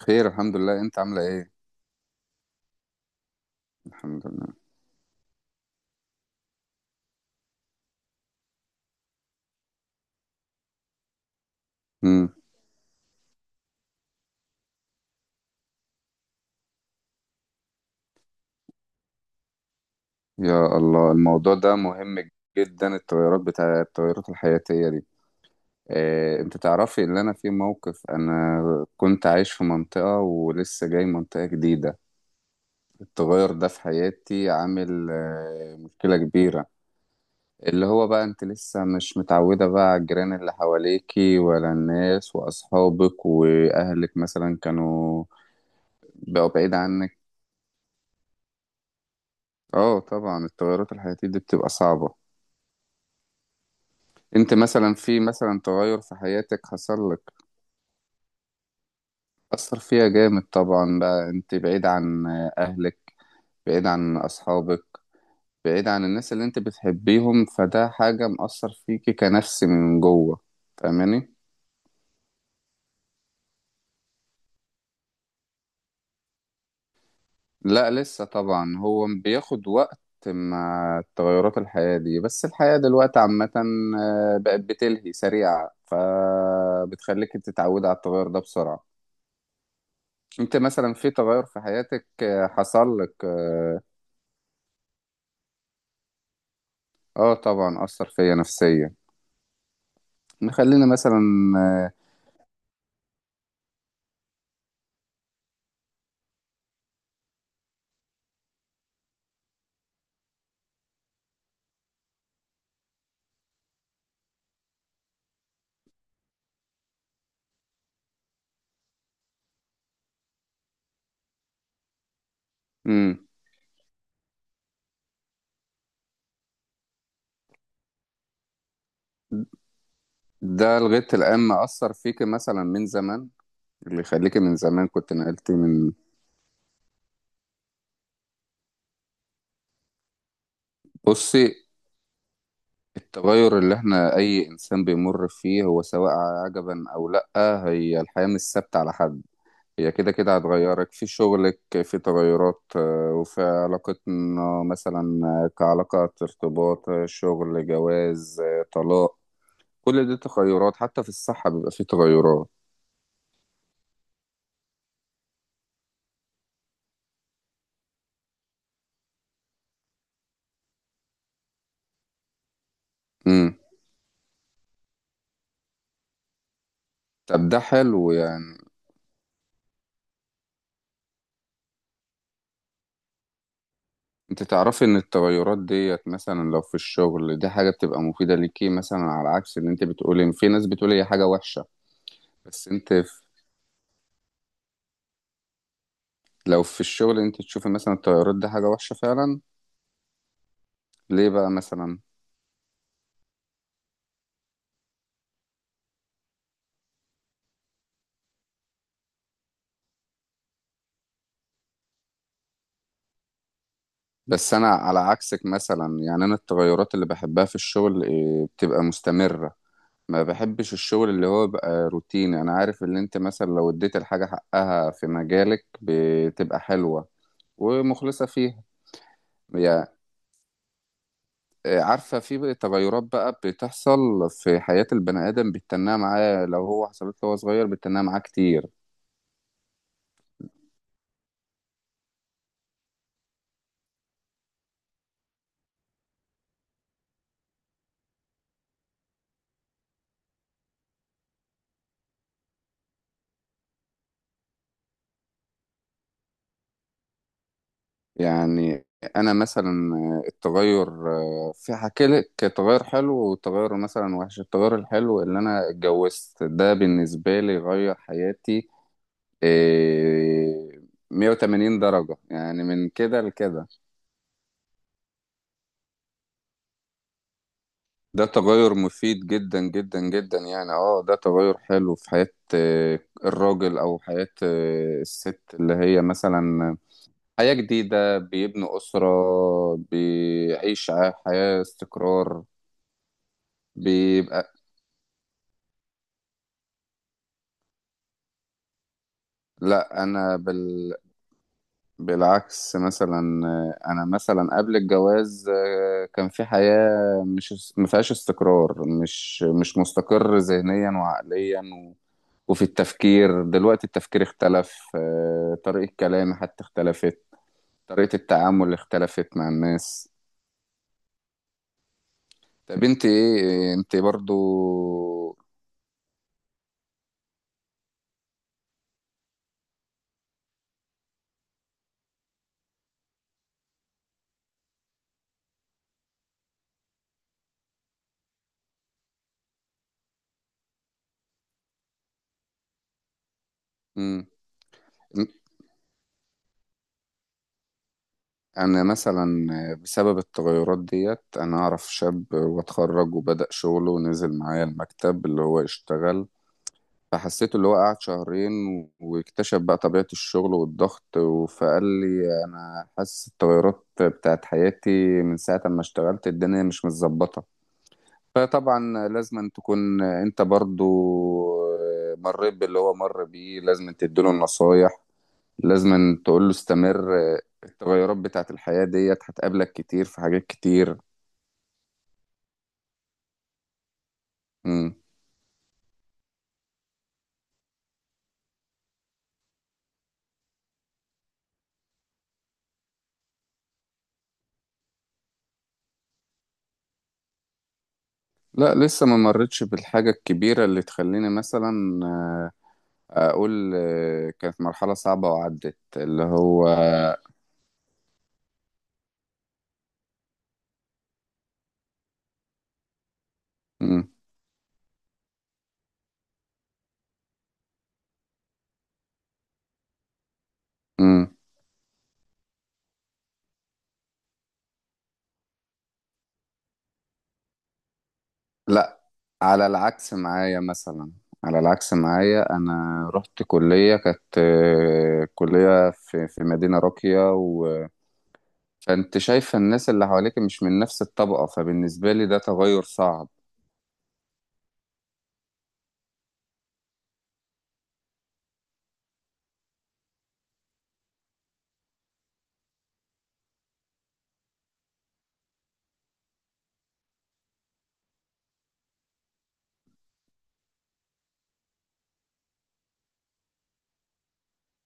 خير، الحمد لله. انت عامله ايه؟ الحمد لله. امم يا الله، الموضوع ده مهم جدا. التغيرات التغيرات الحياتيه دي. اه انت تعرفي ان انا في موقف، انا كنت عايش في منطقه ولسه جاي منطقه جديده. التغير ده في حياتي عامل مشكله كبيره، اللي هو بقى انت لسه مش متعوده بقى على الجيران اللي حواليكي، ولا الناس واصحابك واهلك مثلا كانوا بقوا بعيد عنك. اه طبعا، التغيرات الحياتيه دي بتبقى صعبه. انت مثلا في مثلا تغير في حياتك حصل لك، أثر فيها جامد طبعا. بقى انت بعيد عن أهلك، بعيد عن أصحابك، بعيد عن الناس اللي انت بتحبيهم، فده حاجة مأثر فيكي كنفس من جوه. فاهماني؟ لا لسه طبعا، هو بياخد وقت مع تغيرات الحياة دي. بس الحياة دلوقتي عامة بقت بتلهي سريعة، فبتخليك تتعودي على التغير ده بسرعة. انت مثلا في تغير في حياتك حصل لك. اه طبعا اثر فيا نفسيا. نخلينا مثلا. امم ده لغايه الان ما اثر فيك مثلا من زمان، اللي يخليكي من زمان كنت نقلتي من. بصي، التغير اللي احنا اي انسان بيمر فيه، هو سواء عجبا او لا، هي الحياه مش ثابته على حد. هي كده كده هتغيرك في شغلك، في تغيرات وفي علاقتنا مثلا، كعلاقة ارتباط، شغل، جواز، طلاق. كل دي تغيرات، حتى في الصحة بيبقى فيه تغيرات. طب ده حلو يعني. انت تعرفي ان التغيرات ديت مثلا لو في الشغل دي حاجة بتبقى مفيدة ليكي مثلا، على عكس اللي انت بتقولي ان في ناس بتقول هي حاجة وحشة. بس انت في- لو في الشغل انت تشوفي مثلا التغيرات دي حاجة وحشة فعلا، ليه بقى مثلا؟ بس انا على عكسك مثلا، يعني انا التغيرات اللي بحبها في الشغل بتبقى مستمرة. ما بحبش الشغل اللي هو بقى روتيني. انا عارف اللي انت مثلا لو اديت الحاجة حقها في مجالك بتبقى حلوة ومخلصة فيها. عارفة في تغيرات بقى بتحصل في حياة البني آدم بتتناها معاه، لو هو حصلت له وهو صغير بتتناها معاه كتير. يعني أنا مثلا التغير في حكي لك تغير حلو وتغير مثلا وحش. التغير الحلو اللي أنا اتجوزت ده بالنسبة لي غير حياتي آه، 180 درجة، يعني من كده لكده. ده تغير مفيد جدا جدا جدا يعني، اه ده تغير حلو في حياة آه، الراجل او حياة الست، اللي هي مثلا حياة جديدة، بيبنوا أسرة، بيعيش حياة استقرار بيبقى. لا انا بالعكس مثلا، انا مثلا قبل الجواز كان في حياة، مش ما فيهاش استقرار، مش مستقر ذهنيا وعقليا. وفي التفكير دلوقتي التفكير اختلف، طريقة كلامي حتى اختلفت، طريقة التعامل اختلفت مع الناس. طب انت ايه، انت برضو؟ مم. انا مثلا بسبب التغيرات ديت، انا اعرف شاب واتخرج وبدأ شغله ونزل معايا المكتب اللي هو يشتغل. فحسيت اللي هو قعد شهرين واكتشف بقى طبيعة الشغل والضغط، فقال لي انا حاسس التغيرات بتاعت حياتي من ساعة ما اشتغلت الدنيا مش متظبطة. فطبعا لازم أن تكون انت برضو مريت باللي هو مر بيه، لازم أن تديله النصايح، لازم أن تقول له استمر. التغيرات بتاعت الحياة ديت هتقابلك كتير في حاجات كتير. مم. لا لسه ما مرتش بالحاجة الكبيرة اللي تخليني مثلا أقول كانت مرحلة صعبة وعدت اللي هو. مم. مم. لا، على العكس معايا مثلا، على العكس معايا انا رحت كلية كانت كلية في مدينة راقية، و... فانت شايفة الناس اللي حواليك مش من نفس الطبقة، فبالنسبة لي ده تغير صعب.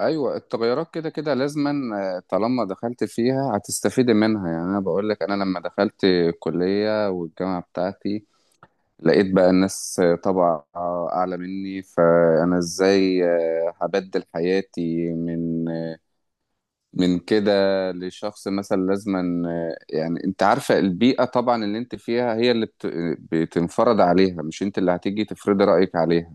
ايوه التغيرات كده كده لازما، طالما دخلت فيها هتستفيدي منها. يعني انا بقول لك، انا لما دخلت الكلية والجامعة بتاعتي لقيت بقى الناس طبعا اعلى مني، فانا ازاي هبدل حياتي من من كده لشخص مثلا لازما. يعني انت عارفة البيئة طبعا اللي انت فيها هي اللي بتنفرض عليها، مش انت اللي هتيجي تفرضي رأيك عليها.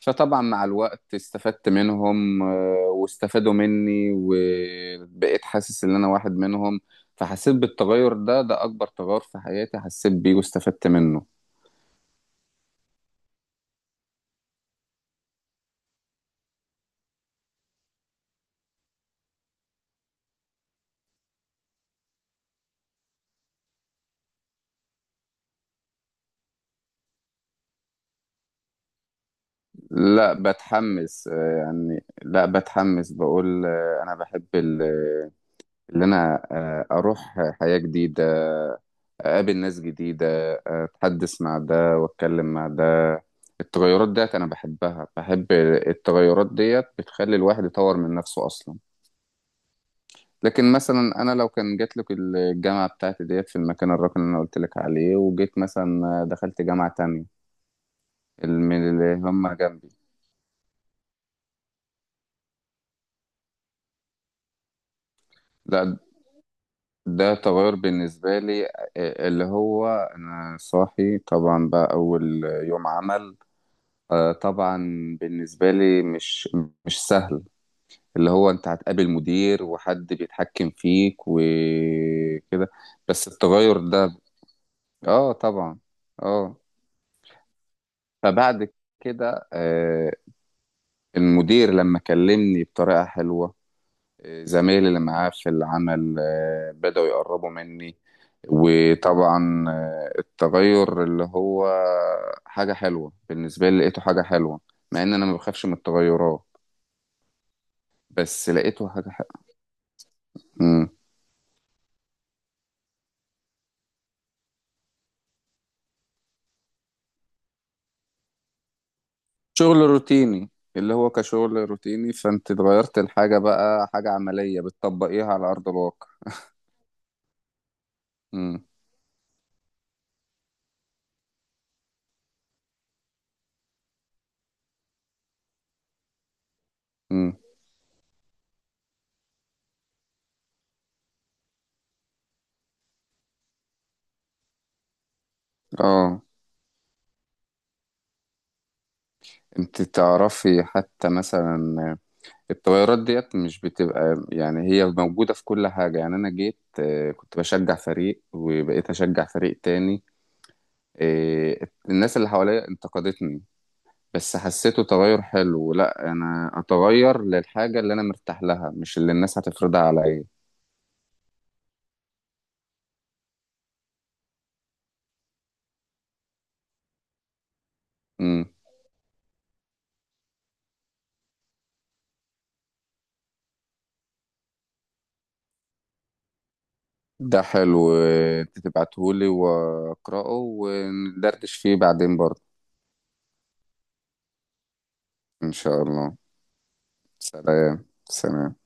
فطبعا مع الوقت استفدت منهم واستفادوا مني، وبقيت حاسس ان انا واحد منهم. فحسيت بالتغير ده، ده اكبر تغير في حياتي حسيت بيه واستفدت منه. لا، بتحمس، بقول انا بحب اللي انا اروح حياة جديدة، اقابل ناس جديده، اتحدث مع ده واتكلم مع ده. التغيرات ديت انا بحبها، بحب التغيرات ديت بتخلي الواحد يطور من نفسه اصلا. لكن مثلا انا لو كان جات لك الجامعه بتاعتي ديت في المكان الراقي اللي انا قلت لك عليه، وجيت مثلا دخلت جامعه تانية اللي هم جنبي. لا، ده تغير بالنسبه لي اللي هو انا صاحي طبعا بقى اول يوم عمل، طبعا بالنسبه لي مش، مش سهل. اللي هو انت هتقابل مدير وحد بيتحكم فيك وكده. بس التغير ده، اه طبعا. اه. فبعد كده المدير لما كلمني بطريقة حلوة، زمايلي اللي معاه في العمل بدأوا يقربوا مني. وطبعا التغير اللي هو حاجة حلوة بالنسبة لي، لقيته حاجة حلوة. مع ان انا ما بخافش من التغيرات، بس لقيته حاجة حلوة. شغل روتيني اللي هو كشغل روتيني، فانت اتغيرت الحاجة بقى حاجة عملية بتطبقيها على أرض الواقع. امم امم اه، انت تعرفي حتى مثلا التغيرات ديت مش بتبقى، يعني هي موجودة في كل حاجة. يعني أنا جيت كنت بشجع فريق وبقيت أشجع فريق تاني، الناس اللي حواليا انتقدتني، بس حسيته تغير حلو. لا، أنا أتغير للحاجة اللي أنا مرتاح لها، مش اللي الناس هتفرضها عليا. ده حلو، انت تبعتهولي واقراه وندردش فيه بعدين برضه. ان شاء الله. سلام سلام.